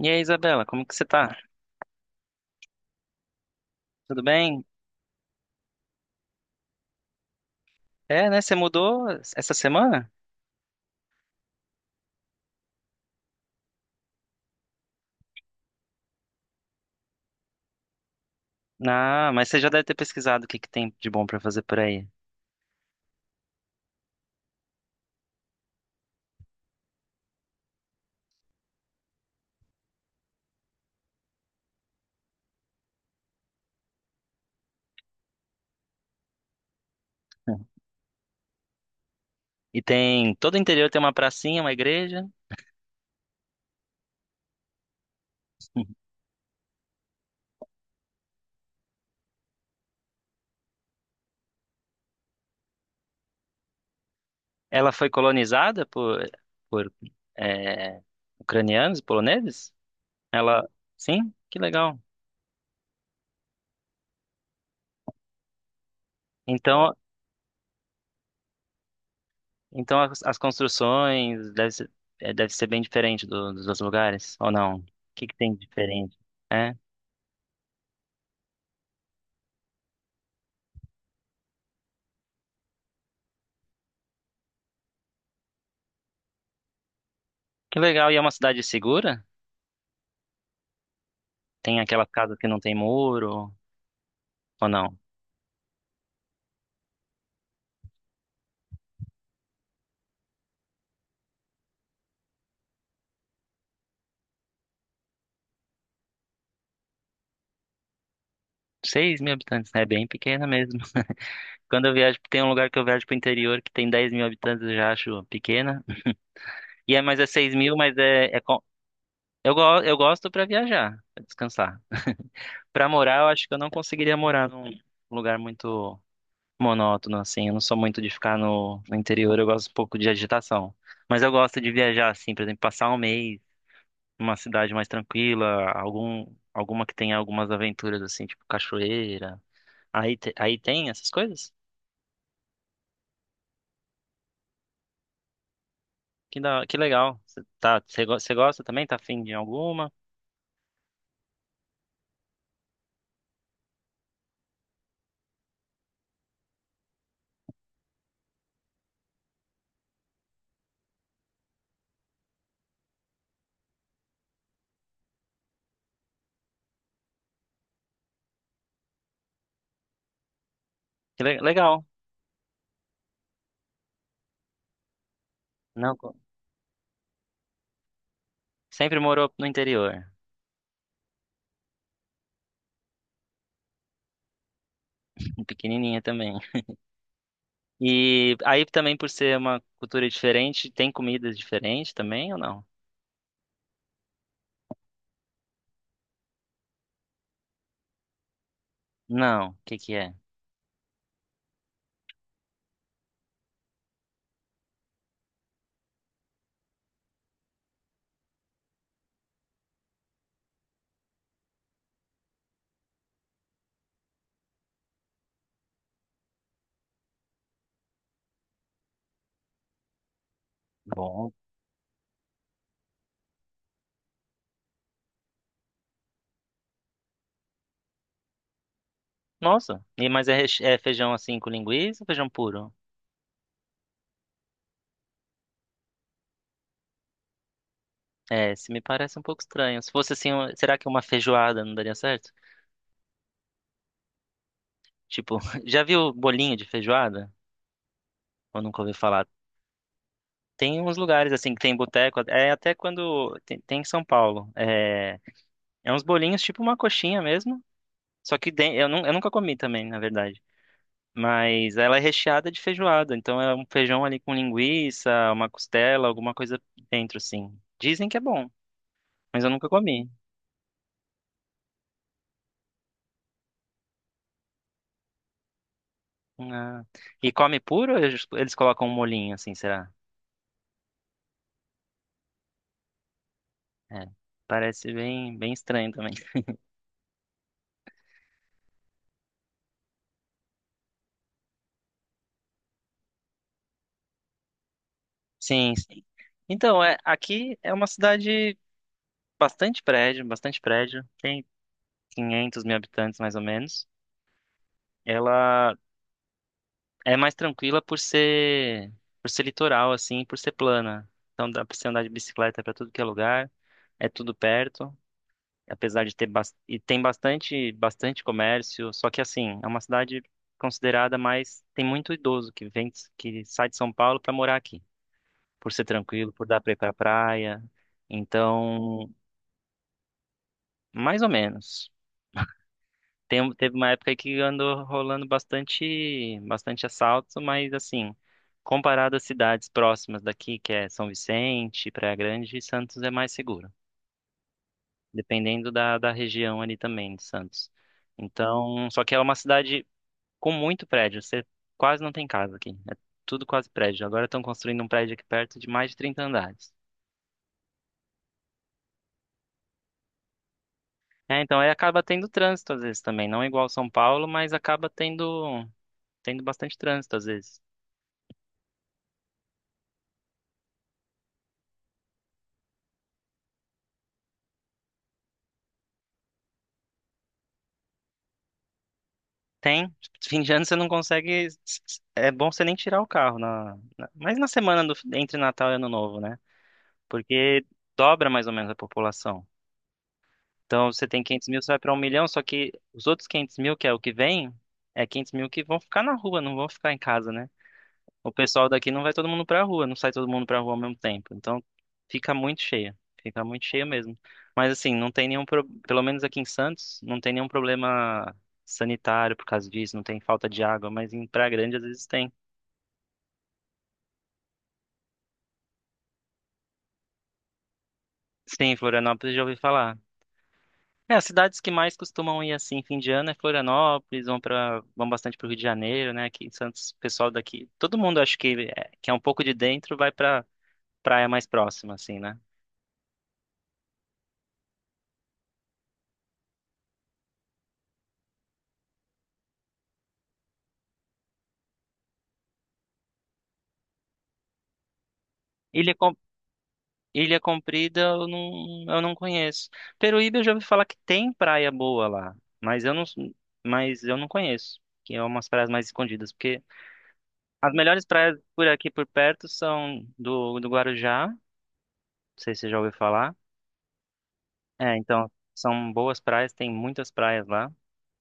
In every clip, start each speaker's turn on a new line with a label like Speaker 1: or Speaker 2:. Speaker 1: E aí, Isabela, como que você tá? Tudo bem? É, né? Você mudou essa semana? Ah, mas você já deve ter pesquisado o que que tem de bom pra fazer por aí. E tem, todo o interior tem uma pracinha, uma igreja. Ela foi colonizada por é, ucranianos e poloneses? Ela, sim? Que legal. Então, então as construções deve ser, é, deve ser bem diferente dos outros lugares, ou não? O que que tem de diferente? É, que legal. E é uma cidade segura? Tem aquela casa que não tem muro, ou não? 6 mil habitantes, né? É bem pequena mesmo. Quando eu viajo, tem um lugar que eu viajo pro interior que tem 10 mil habitantes, eu já acho pequena. E é, mas é 6 mil, mas eu gosto pra viajar, pra descansar. Pra morar, eu acho que eu não conseguiria morar num lugar muito monótono, assim. Eu não sou muito de ficar no interior, eu gosto um pouco de agitação. Mas eu gosto de viajar, assim, por exemplo, passar um mês numa cidade mais tranquila, alguma que tenha algumas aventuras, assim, tipo cachoeira. Aí, aí tem essas coisas? Que, da, que legal. Você tá, você gosta também? Tá afim de alguma? Que legal. Não, co- Sempre morou no interior, pequenininha também. E aí também por ser uma cultura diferente, tem comidas diferentes também ou não? Não. O que que é? Bom. Nossa. E mas é feijão assim com linguiça ou feijão puro? É, se me parece um pouco estranho. Se fosse assim, será que uma feijoada não daria certo? Tipo, já viu bolinho de feijoada? Ou nunca ouviu falar. Tem uns lugares assim que tem boteco, é até quando tem, tem em São Paulo. É, é uns bolinhos tipo uma coxinha mesmo, só que eu nunca comi também, na verdade. Mas ela é recheada de feijoada, então é um feijão ali com linguiça, uma costela, alguma coisa dentro assim. Dizem que é bom, mas eu nunca comi. Ah, e come puro, ou eles colocam um molhinho assim, será? É, parece bem estranho também. Sim, sim. Então, é, aqui é uma cidade bastante prédio, bastante prédio. Tem 500 mil habitantes mais ou menos. Ela é mais tranquila por ser litoral assim, por ser plana. Então dá pra você andar de bicicleta pra tudo que é lugar. É tudo perto, apesar de ter e tem bastante comércio, só que assim, é uma cidade considerada mais tem muito idoso que vem que sai de São Paulo pra morar aqui, por ser tranquilo, por dar pra ir pra praia. Então, mais ou menos. Teve uma época que andou rolando bastante, bastante assalto, mas assim, comparado às cidades próximas daqui, que é São Vicente, Praia Grande, Santos é mais seguro, dependendo da região ali também de Santos. Então, só que é uma cidade com muito prédio, você quase não tem casa aqui, é tudo quase prédio. Agora estão construindo um prédio aqui perto de mais de 30 andares. É, então aí acaba tendo trânsito às vezes também, não é igual São Paulo, mas acaba tendo bastante trânsito às vezes. Tem. Tipo, fim de ano você não consegue. É bom você nem tirar o carro mas na semana entre Natal e Ano Novo, né? Porque dobra mais ou menos a população. Então você tem 500 mil, você vai para 1 milhão, só que os outros 500 mil, que é o que vem, é 500 mil que vão ficar na rua, não vão ficar em casa, né? O pessoal daqui não vai todo mundo pra rua, não sai todo mundo pra rua ao mesmo tempo. Então fica muito cheia mesmo. Mas assim, não tem nenhum, pro... pelo menos aqui em Santos, não tem nenhum problema sanitário por causa disso, não tem falta de água, mas em Praia Grande às vezes tem. Sim, Florianópolis já ouvi falar. É, as cidades que mais costumam ir assim fim de ano é Florianópolis, vão bastante pro Rio de Janeiro, né? Aqui em Santos, o pessoal daqui, todo mundo acho que é um pouco de dentro vai pra praia mais próxima assim, né? Ilha Ilha Comprida eu não conheço. Peruíbe eu já ouvi falar que tem praia boa lá, mas eu não, mas eu não conheço, que é umas praias mais escondidas, porque as melhores praias por aqui por perto são do Guarujá, não sei se você já ouviu falar. É, então são boas praias, tem muitas praias lá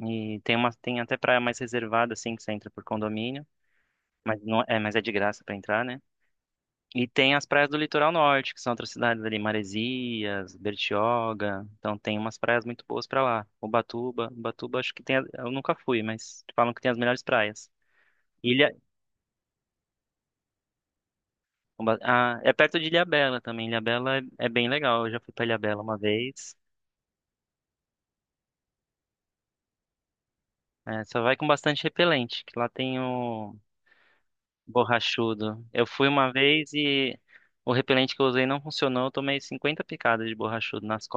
Speaker 1: e tem até praia mais reservada assim que você entra por condomínio, mas não é, mas é de graça para entrar, né? E tem as praias do litoral norte, que são outras cidades ali, Maresias, Bertioga. Então tem umas praias muito boas pra lá. Ubatuba acho que tem, eu nunca fui, mas falam que tem as melhores praias. Ilha, ah, é perto de Ilhabela também. Ilhabela é, é bem legal. Eu já fui pra Ilhabela uma vez. É, só vai com bastante repelente, que lá tem o borrachudo. Eu fui uma vez e o repelente que eu usei não funcionou. Eu tomei 50 picadas de borrachudo nas...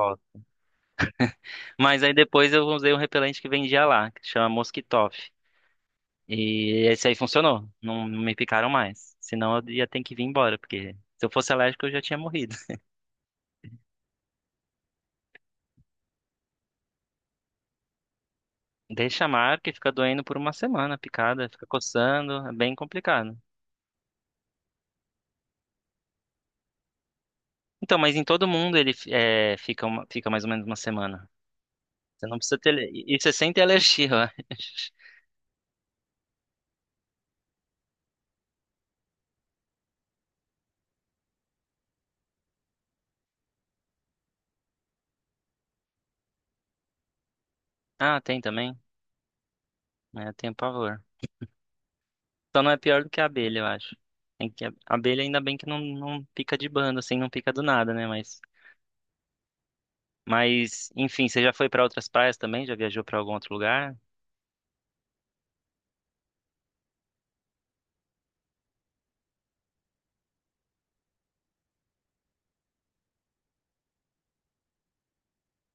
Speaker 1: Mas aí depois eu usei um repelente que vendia lá, que chama Mosquitoff. E esse aí funcionou. Não, não me picaram mais. Senão eu ia ter que vir embora, porque se eu fosse alérgico eu já tinha morrido. Deixa a marca e fica doendo por uma semana, a picada, fica coçando, é bem complicado. Então, mas em todo mundo ele é, fica, fica mais ou menos uma semana. Você não precisa ter. E você sente alergia, eu acho. Ah, tem também? É, eu tenho pavor. Só não é pior do que a abelha, eu acho. Tem que, a abelha ainda bem que não pica de bando, assim, não pica do nada, né? Mas. Mas, enfim, você já foi para outras praias também? Já viajou para algum outro lugar?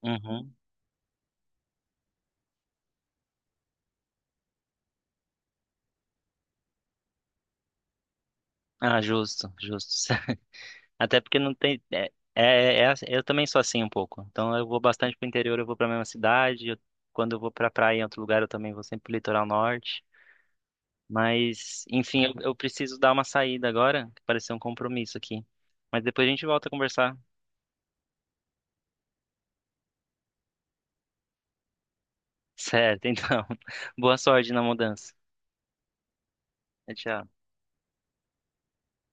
Speaker 1: Uhum. Ah, justo, justo. Até porque não tem. Assim, eu também sou assim um pouco. Então eu vou bastante pro interior, eu vou pra mesma cidade. Quando eu vou pra praia em outro lugar, eu também vou sempre pro litoral norte. Mas, enfim, eu preciso dar uma saída agora, que pareceu um compromisso aqui. Mas depois a gente volta a conversar. Certo, então. Boa sorte na mudança. Tchau.